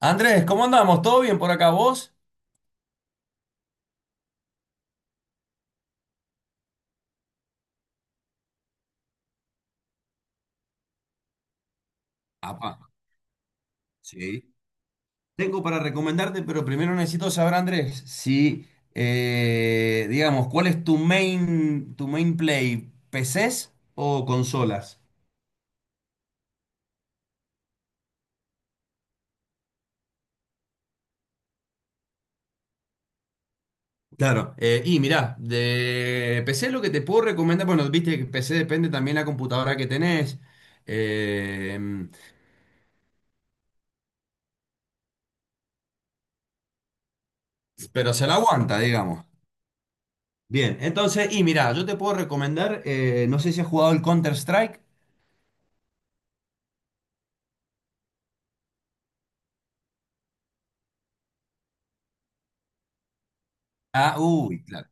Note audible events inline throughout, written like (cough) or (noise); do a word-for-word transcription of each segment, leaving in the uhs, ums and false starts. Andrés, ¿cómo andamos? ¿Todo bien por acá vos? Apa, sí. Tengo para recomendarte, pero primero necesito saber, Andrés, si, eh, digamos, ¿cuál es tu main, tu main play? ¿P Cs o consolas? Claro, eh, y mirá, de P C lo que te puedo recomendar, bueno, viste que P C depende también la computadora que tenés, eh, pero se la aguanta, digamos. Bien, entonces, y mirá, yo te puedo recomendar, eh, no sé si has jugado el Counter-Strike. Ah, uy, claro.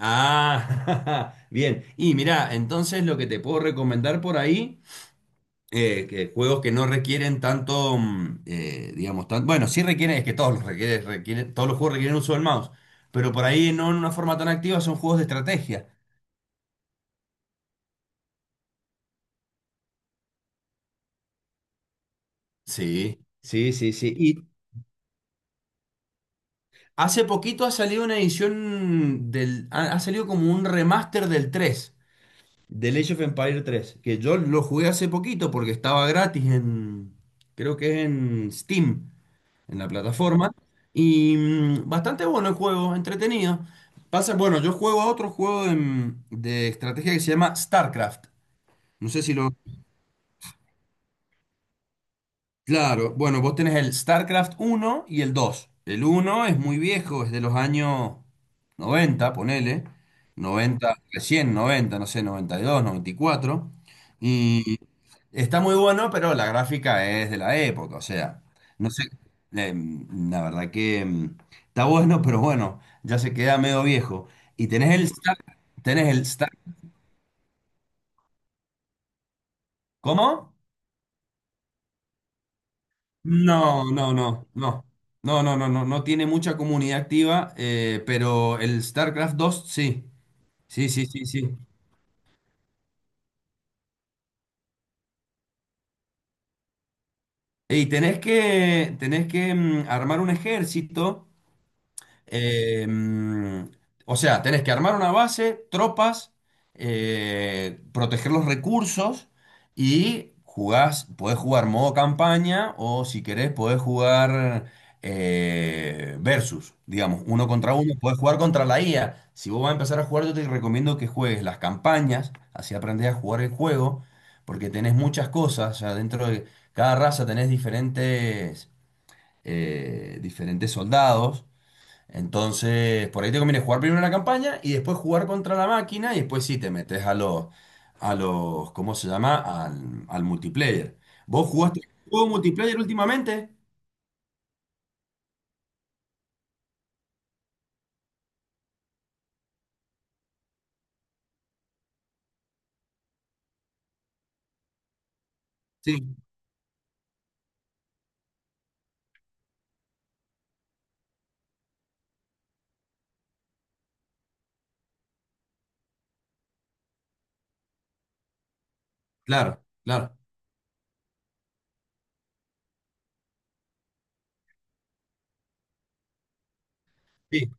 Ah, (laughs) bien. Y mira, entonces lo que te puedo recomendar por ahí, eh, que juegos que no requieren tanto, mm, eh, digamos, tan- bueno, sí requieren, es que todos los requieren, requieren- todos los juegos requieren uso del mouse, pero por ahí no en una forma tan activa son juegos de estrategia. Sí, sí, sí, sí. Y hace poquito ha salido una edición del, ha, ha salido como un remaster del tres, del Age of Empire tres, que yo lo jugué hace poquito porque estaba gratis en, creo que es en Steam, en la plataforma. Y mm, bastante bueno el juego, entretenido. Pasa, bueno, yo juego a otro juego en- de estrategia que se llama StarCraft. No sé si lo. Claro, bueno, vos tenés el StarCraft uno y el dos. El uno es muy viejo, es de los años noventa, ponele, noventa, recién noventa, no sé, noventa y dos, noventa y cuatro. Y cuatro. Y está muy bueno, pero la gráfica es de la época, o sea, no sé, eh, la verdad que mm, está bueno, (laughs) pero bueno, ya se queda medio viejo. Y tenés el Star, tenés el Star, ¿cómo? No, no, no, no. No, no, no, no, no tiene mucha comunidad activa, eh, pero el StarCraft dos sí. Sí, sí, sí, sí. Y tenés que, tenés que mm, armar un ejército. Eh, mm, o sea, tenés que armar una base, tropas, eh, proteger los recursos y jugás, podés jugar modo campaña o si querés podés jugar, eh, versus, digamos, uno contra uno, podés jugar contra la I A. Si vos vas a empezar a jugar, yo te recomiendo que juegues las campañas, así aprendés a jugar el juego, porque tenés muchas cosas, o sea, dentro de cada raza tenés diferentes, eh, diferentes soldados. Entonces, por ahí te conviene jugar primero la campaña y después jugar contra la máquina y después sí te metes a los, a los, ¿cómo se llama? Al, al multiplayer. ¿Vos jugaste juego multiplayer últimamente? Sí, claro, claro. Sí.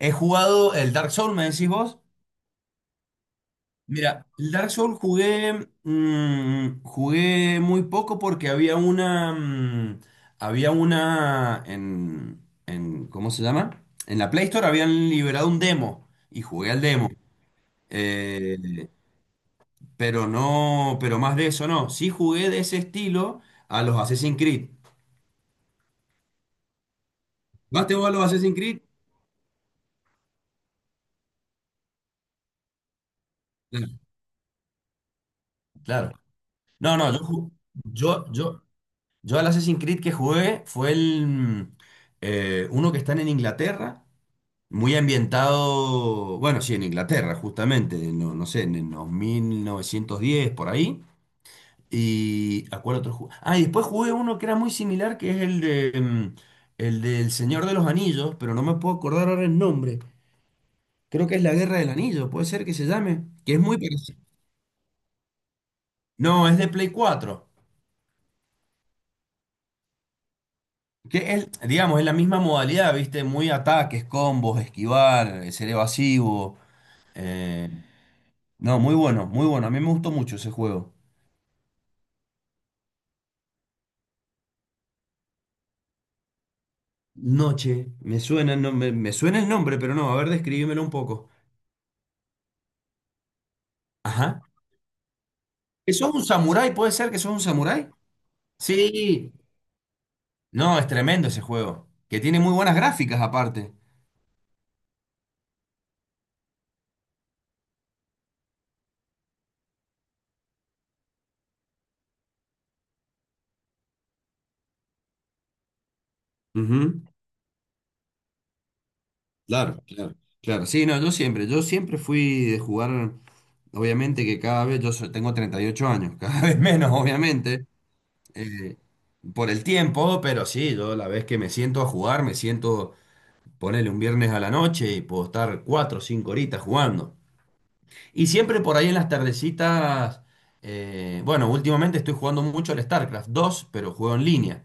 He jugado el Dark Souls, ¿me decís vos? Mira, el Dark Souls jugué, mm, jugué muy poco porque había una, mm, había una en, en, ¿cómo se llama? En la Play Store habían liberado un demo y jugué al demo. Eh, pero no, pero más de eso no. Sí jugué de ese estilo a los Assassin's Creed. ¿Vas te vos a los Assassin's Creed? Claro, claro. No, no, yo, ju- yo, yo, yo al Assassin's Creed que jugué fue el mm, eh, uno que están en Inglaterra, muy ambientado, bueno, sí, en Inglaterra, justamente, no, no sé, en los mil novecientos diez, por ahí. ¿Y a cuál otro jugué? Ah, y después jugué uno que era muy similar, que es el de, mm, el del Señor de los Anillos, pero no me puedo acordar ahora el nombre. Creo que es la Guerra del Anillo, puede ser que se llame, que es muy parecido. No, es de Play cuatro. Que es, digamos, es la misma modalidad, ¿viste? Muy ataques, combos, esquivar, eh, ser evasivo. eh, No, muy bueno, muy bueno. A mí me gustó mucho ese juego. Noche, me suena, el nombre- me, suena el nombre, pero no, a ver, describímelo un poco. Ajá. ¿Que sos un samurái? ¿Puede ser que sos un samurái? Sí, no, es tremendo ese juego, que tiene muy buenas gráficas aparte. Ujú, claro, claro, claro. Sí, no, yo siempre, yo siempre fui de jugar, obviamente que cada vez, yo so- tengo treinta y ocho años, (laughs) cada vez menos, obviamente, eh, por el tiempo, pero sí, yo la vez que me siento a jugar, me siento, ponerle un viernes a la noche y puedo estar cuatro o cinco horitas jugando. Y siempre por ahí en las tardecitas, eh, bueno, últimamente estoy jugando mucho al StarCraft dos, pero juego en línea.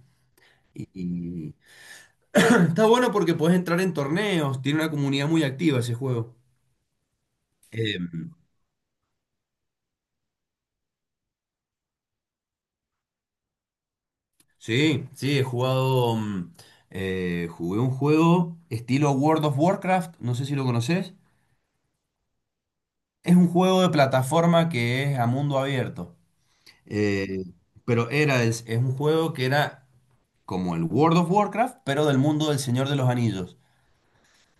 Y (clears throat) está bueno porque puedes entrar en torneos, tiene una comunidad muy activa ese juego. Eh, sí, sí, he jugado, mm, eh, jugué un juego estilo World of Warcraft, no sé si lo conoces. Es un juego de plataforma que es a mundo abierto. Eh, pero era, es, es un juego que era como el World of Warcraft, pero del mundo del Señor de los Anillos.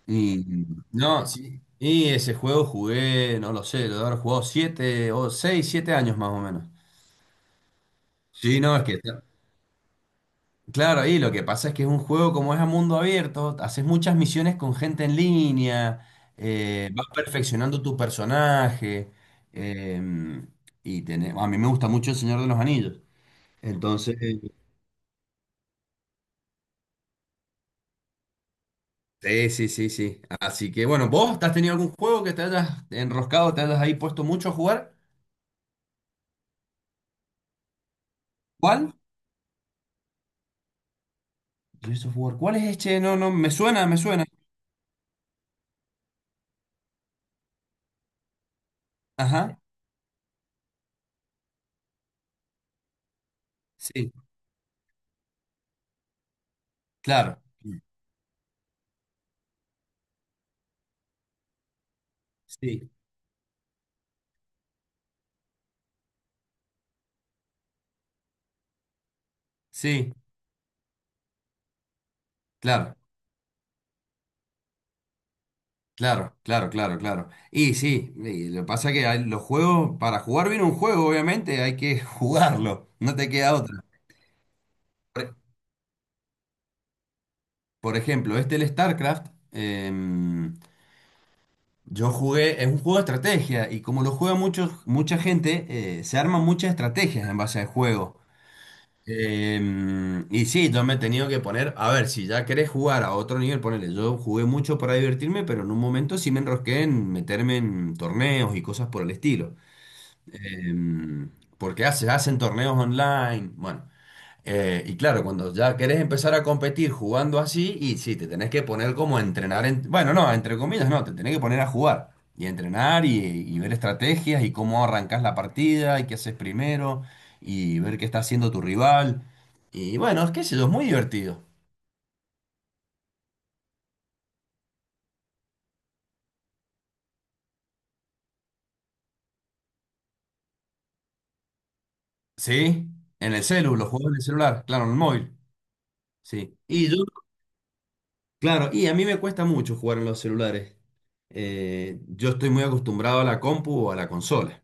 Y no, sí. Y ese juego jugué, no lo sé, lo he de haber jugado siete o seis, siete años más o menos. Sí, no, es que, claro, y lo que pasa es que es un juego como es a mundo abierto, haces muchas misiones con gente en línea, eh, vas perfeccionando tu personaje, eh, y tenés- a mí me gusta mucho El Señor de los Anillos. Entonces, sí, sí, sí, sí. Así que bueno, ¿vos te has tenido algún juego que te hayas enroscado, te hayas ahí puesto mucho a jugar? ¿Cuál? Gears of War. ¿Cuál es este? No, no, me suena, me suena. Ajá, sí, claro, sí, sí, claro. Claro, claro, claro, claro. Y sí, y lo que pasa es que hay- los juegos, para jugar bien un juego, obviamente, hay que (laughs) jugarlo, no te queda otra. Por, por ejemplo, este el StarCraft, em, yo jugué, es un juego de estrategia, y como lo juega mucho, mucha gente, eh, se arman muchas estrategias en base al juego. Em, y sí, yo me he tenido que poner, a ver, si ya querés jugar a otro nivel, ponele, yo jugué mucho para divertirme, pero en un momento sí me enrosqué en meterme en torneos y cosas por el estilo. Em, Porque hace, hacen torneos online. Bueno, eh, y claro, cuando ya querés empezar a competir jugando así, y sí, te tenés que poner como a entrenar. En- bueno, no, entre comillas, no, te tenés que poner a jugar y a entrenar y, y ver estrategias y cómo arrancás la partida y qué haces primero y ver qué está haciendo tu rival. Y bueno, es que sé yo, es muy divertido. Sí, en el celu, los juegos en el celular, claro, en el móvil. Sí. Y yo. Claro, y a mí me cuesta mucho jugar en los celulares. Eh, yo estoy muy acostumbrado a la compu o a la consola.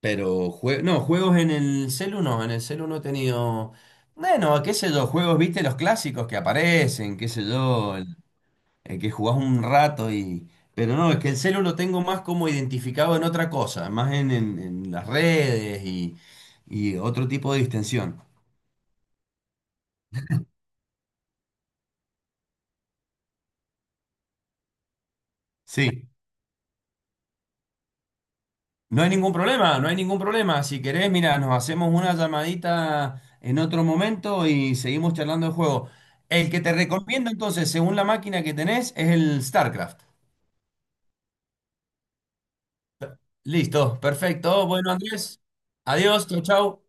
Pero jue- no, juegos en el celu no, en el celu no he tenido. Bueno, qué sé yo, juegos, viste, los clásicos que aparecen, qué sé yo, el, el que jugás un rato y. Pero no, es que el celu lo tengo más como identificado en otra cosa, más en, en- en las redes y, y otro tipo de distensión. Sí. No hay ningún problema, no hay ningún problema. Si querés, mira, nos hacemos una llamadita en otro momento y seguimos charlando el juego. El que te recomiendo entonces, según la máquina que tenés, es el StarCraft. Listo, perfecto. Bueno, Andrés, adiós, chau, chau.